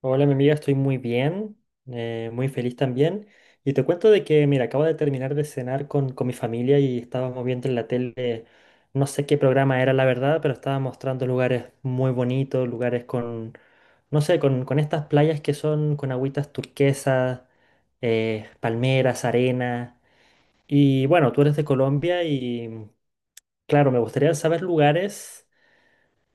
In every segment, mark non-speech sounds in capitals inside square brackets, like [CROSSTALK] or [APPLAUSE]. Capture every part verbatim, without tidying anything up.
Hola, mi amiga, estoy muy bien, eh, muy feliz también. Y te cuento de que, mira, acabo de terminar de cenar con, con mi familia y estábamos viendo en la tele, no sé qué programa era la verdad, pero estaba mostrando lugares muy bonitos, lugares con, no sé, con, con estas playas que son con agüitas turquesas, eh, palmeras, arena. Y bueno, tú eres de Colombia y, claro, me gustaría saber lugares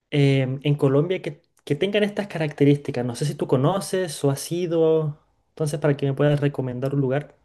em, en Colombia que, que tengan estas características. No sé si tú conoces o has ido. Entonces, para que me puedas recomendar un lugar.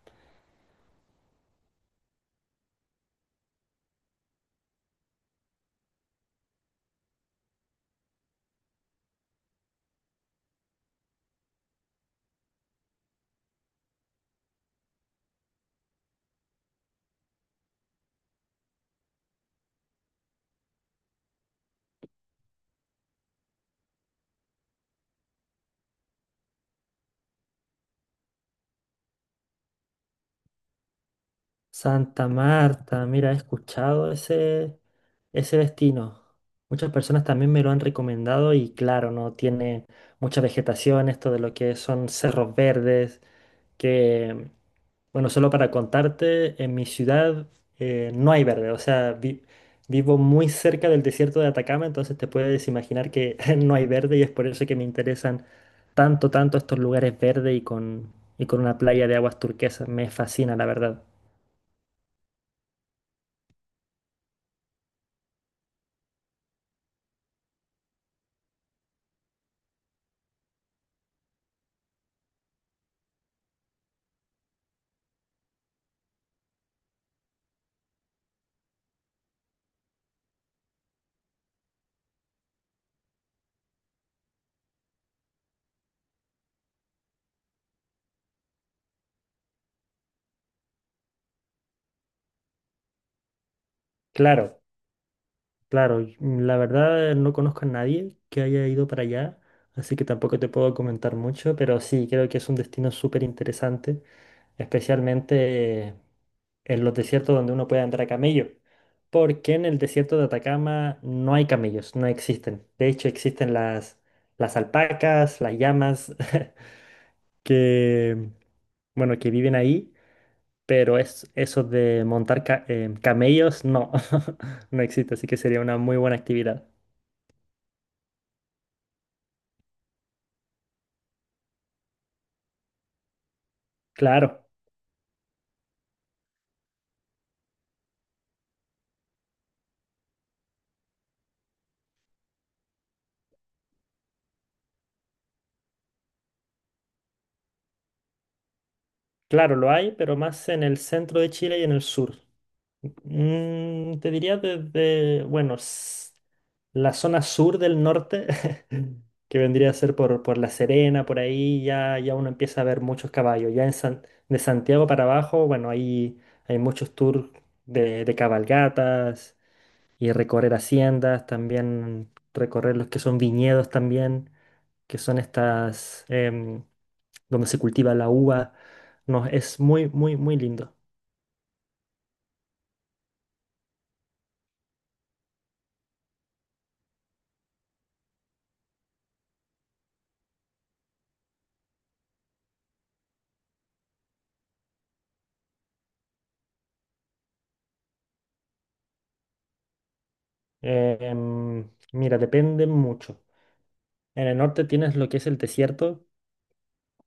Santa Marta, mira, he escuchado ese, ese destino. Muchas personas también me lo han recomendado y claro, no tiene mucha vegetación, esto de lo que son cerros verdes, que, bueno, solo para contarte, en mi ciudad eh, no hay verde, o sea, vi- vivo muy cerca del desierto de Atacama, entonces te puedes imaginar que [LAUGHS] no hay verde y es por eso que me interesan tanto, tanto estos lugares verdes y con, y con una playa de aguas turquesas. Me fascina, la verdad. Claro. Claro, y, mm, la verdad no conozco a nadie que haya ido para allá, así que tampoco te puedo comentar mucho, pero sí, creo que es un destino súper interesante, especialmente en los desiertos donde uno puede andar a camello, porque en el desierto de Atacama no hay camellos, no existen. De hecho, existen las, las alpacas, las llamas, [LAUGHS] que, bueno, que viven ahí, pero es eso de montar ca- eh, camellos, no, [LAUGHS] no existe, así que sería una muy buena actividad. Claro, claro, lo hay, pero más en el centro de Chile y en el sur. Mm, te diría desde, bueno, s- la zona sur del norte, [LAUGHS] que vendría a ser por, por La Serena, por ahí ya, ya uno empieza a ver muchos caballos. Ya en San- de Santiago para abajo, bueno, ahí hay muchos tours de, de cabalgatas y recorrer haciendas, también recorrer los que son viñedos también, que son estas... em, donde se cultiva la uva. No, es muy, muy, muy lindo. Eh, em, mira, depende mucho. En el norte tienes lo que es el desierto,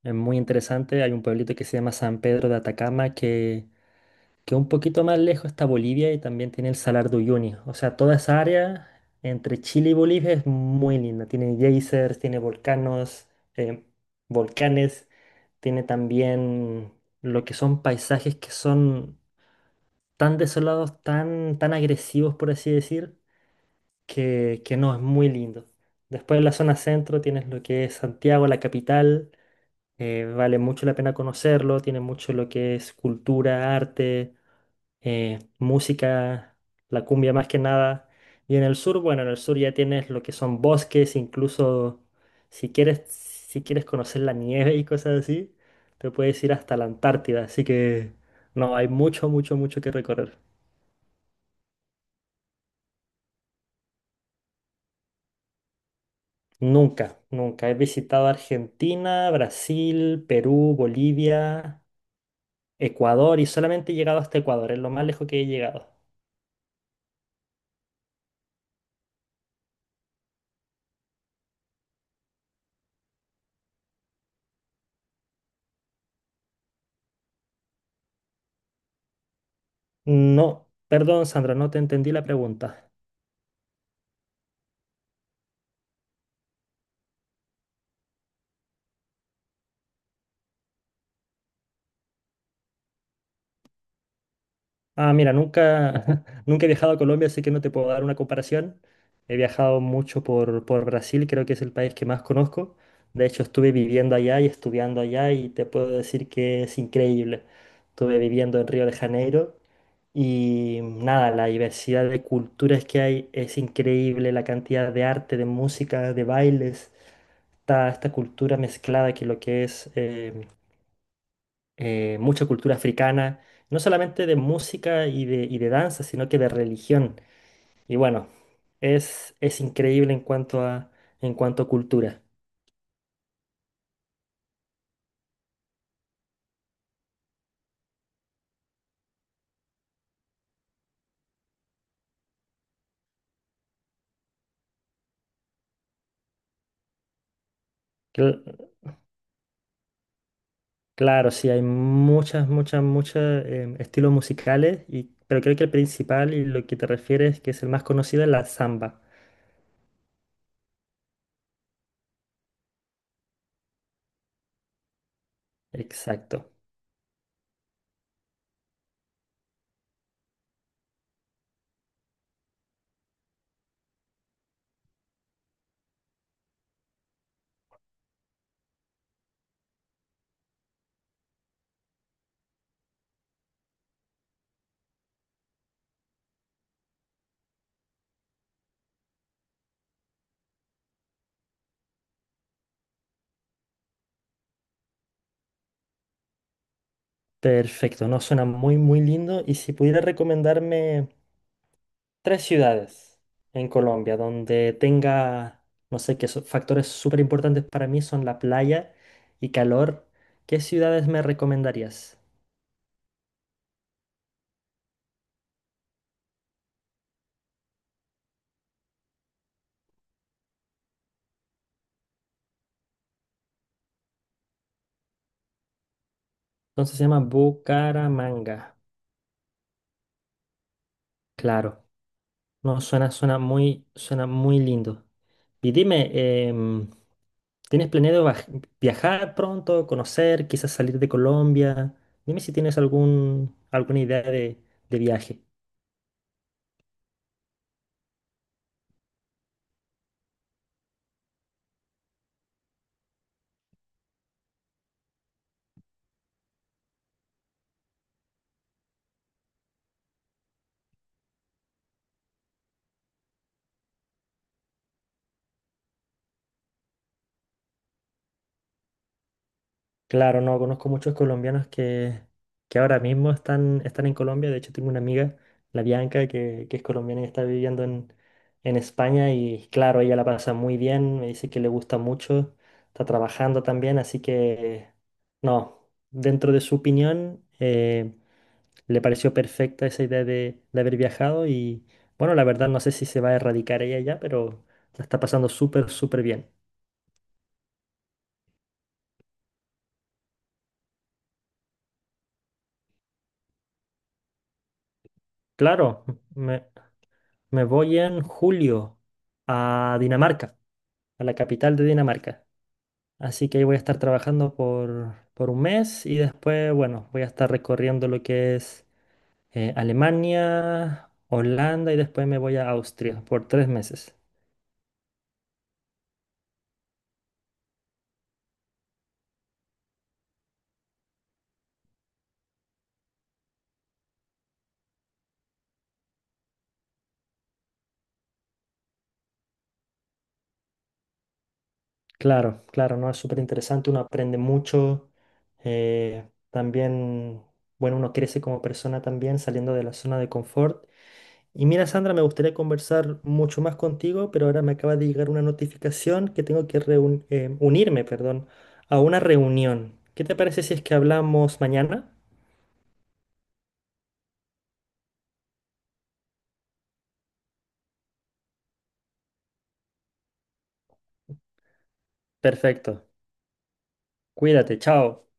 es muy interesante. Hay un pueblito que se llama San Pedro de Atacama, que, que un poquito más lejos está Bolivia y también tiene el Salar de Uyuni. O sea, toda esa área entre Chile y Bolivia es muy linda. Tiene geysers, tiene volcanos, em, volcanes, tiene también lo que son paisajes que son tan desolados, tan, tan agresivos, por así decir, que, que no, es muy lindo. Después en la zona centro tienes lo que es Santiago, la capital, eh, vale mucho la pena conocerlo, tiene mucho lo que es cultura, arte, eh, música, la cumbia más que nada. Y en el sur, bueno, en el sur ya tienes lo que son bosques, incluso si quieres, si quieres conocer la nieve y cosas así, te puedes ir hasta la Antártida, así que no, hay mucho, mucho, mucho que recorrer. Nunca, nunca. He visitado Argentina, Brasil, Perú, Bolivia, Ecuador y solamente he llegado hasta Ecuador, es lo más lejos que he llegado. No, perdón, Sandra, no te entendí la pregunta. Ah, mira, nunca, [LAUGHS] nunca he viajado a Colombia, así que no te puedo dar una comparación. He viajado mucho por, por Brasil, creo que es el país que más conozco. De hecho, estuve viviendo allá y estudiando allá y te puedo decir que es increíble. Estuve viviendo en Río de Janeiro y nada, la diversidad de culturas que hay es increíble, la cantidad de arte, de música, de bailes, está esta cultura mezclada que lo que es eh, eh, mucha cultura africana, no solamente de música y de, y de danza, sino que de religión. Y bueno, es, es increíble en cuanto a, en cuanto a cultura. Cl- claro, sí, hay muchas, muchas, muchos estilos musicales, y, pero creo que el principal y lo que te refieres, que es el más conocido, es la samba. Exacto. Perfecto, no suena muy, muy lindo. Y si pudiera recomendarme tres ciudades en Colombia donde tenga, no sé, qué factores súper importantes para mí son la playa y calor. ¿Qué ciudades me recomendarías? Entonces se llama Bucaramanga. Claro, no, suena, suena muy, suena muy lindo. Y dime, em, ¿tienes planeado vaj- viajar pronto, conocer, quizás salir de Colombia? Dime si tienes algún, alguna idea de de viaje. Claro, no, conozco muchos colombianos que, que ahora mismo están, están en Colombia. De hecho, tengo una amiga, la Bianca, que, que es colombiana y está viviendo en, en España. Y claro, ella la pasa muy bien, me dice que le gusta mucho, está trabajando también. Así que, no, dentro de su opinión, eh, le pareció perfecta esa idea de, de haber viajado. Y bueno, la verdad, no sé si se va a erradicar ella ya, pero la está pasando súper, súper bien. Claro, me voy en julio a Dinamarca, a la capital de Dinamarca. Así que ahí voy a estar trabajando por, por un mes y después, bueno, voy a estar recorriendo lo que es eh, Alemania, Holanda y después me voy a Austria por tres meses. Claro, claro, ¿no? Es súper interesante, uno aprende mucho. eh, también, bueno, uno crece como persona también saliendo de la zona de confort. Y mira, Sandra, me gustaría conversar mucho más contigo, pero ahora me acaba de llegar una notificación que tengo que reun- eh, unirme, perdón, a una reunión. ¿Qué te parece si es que hablamos mañana? Perfecto. Cuídate, chao.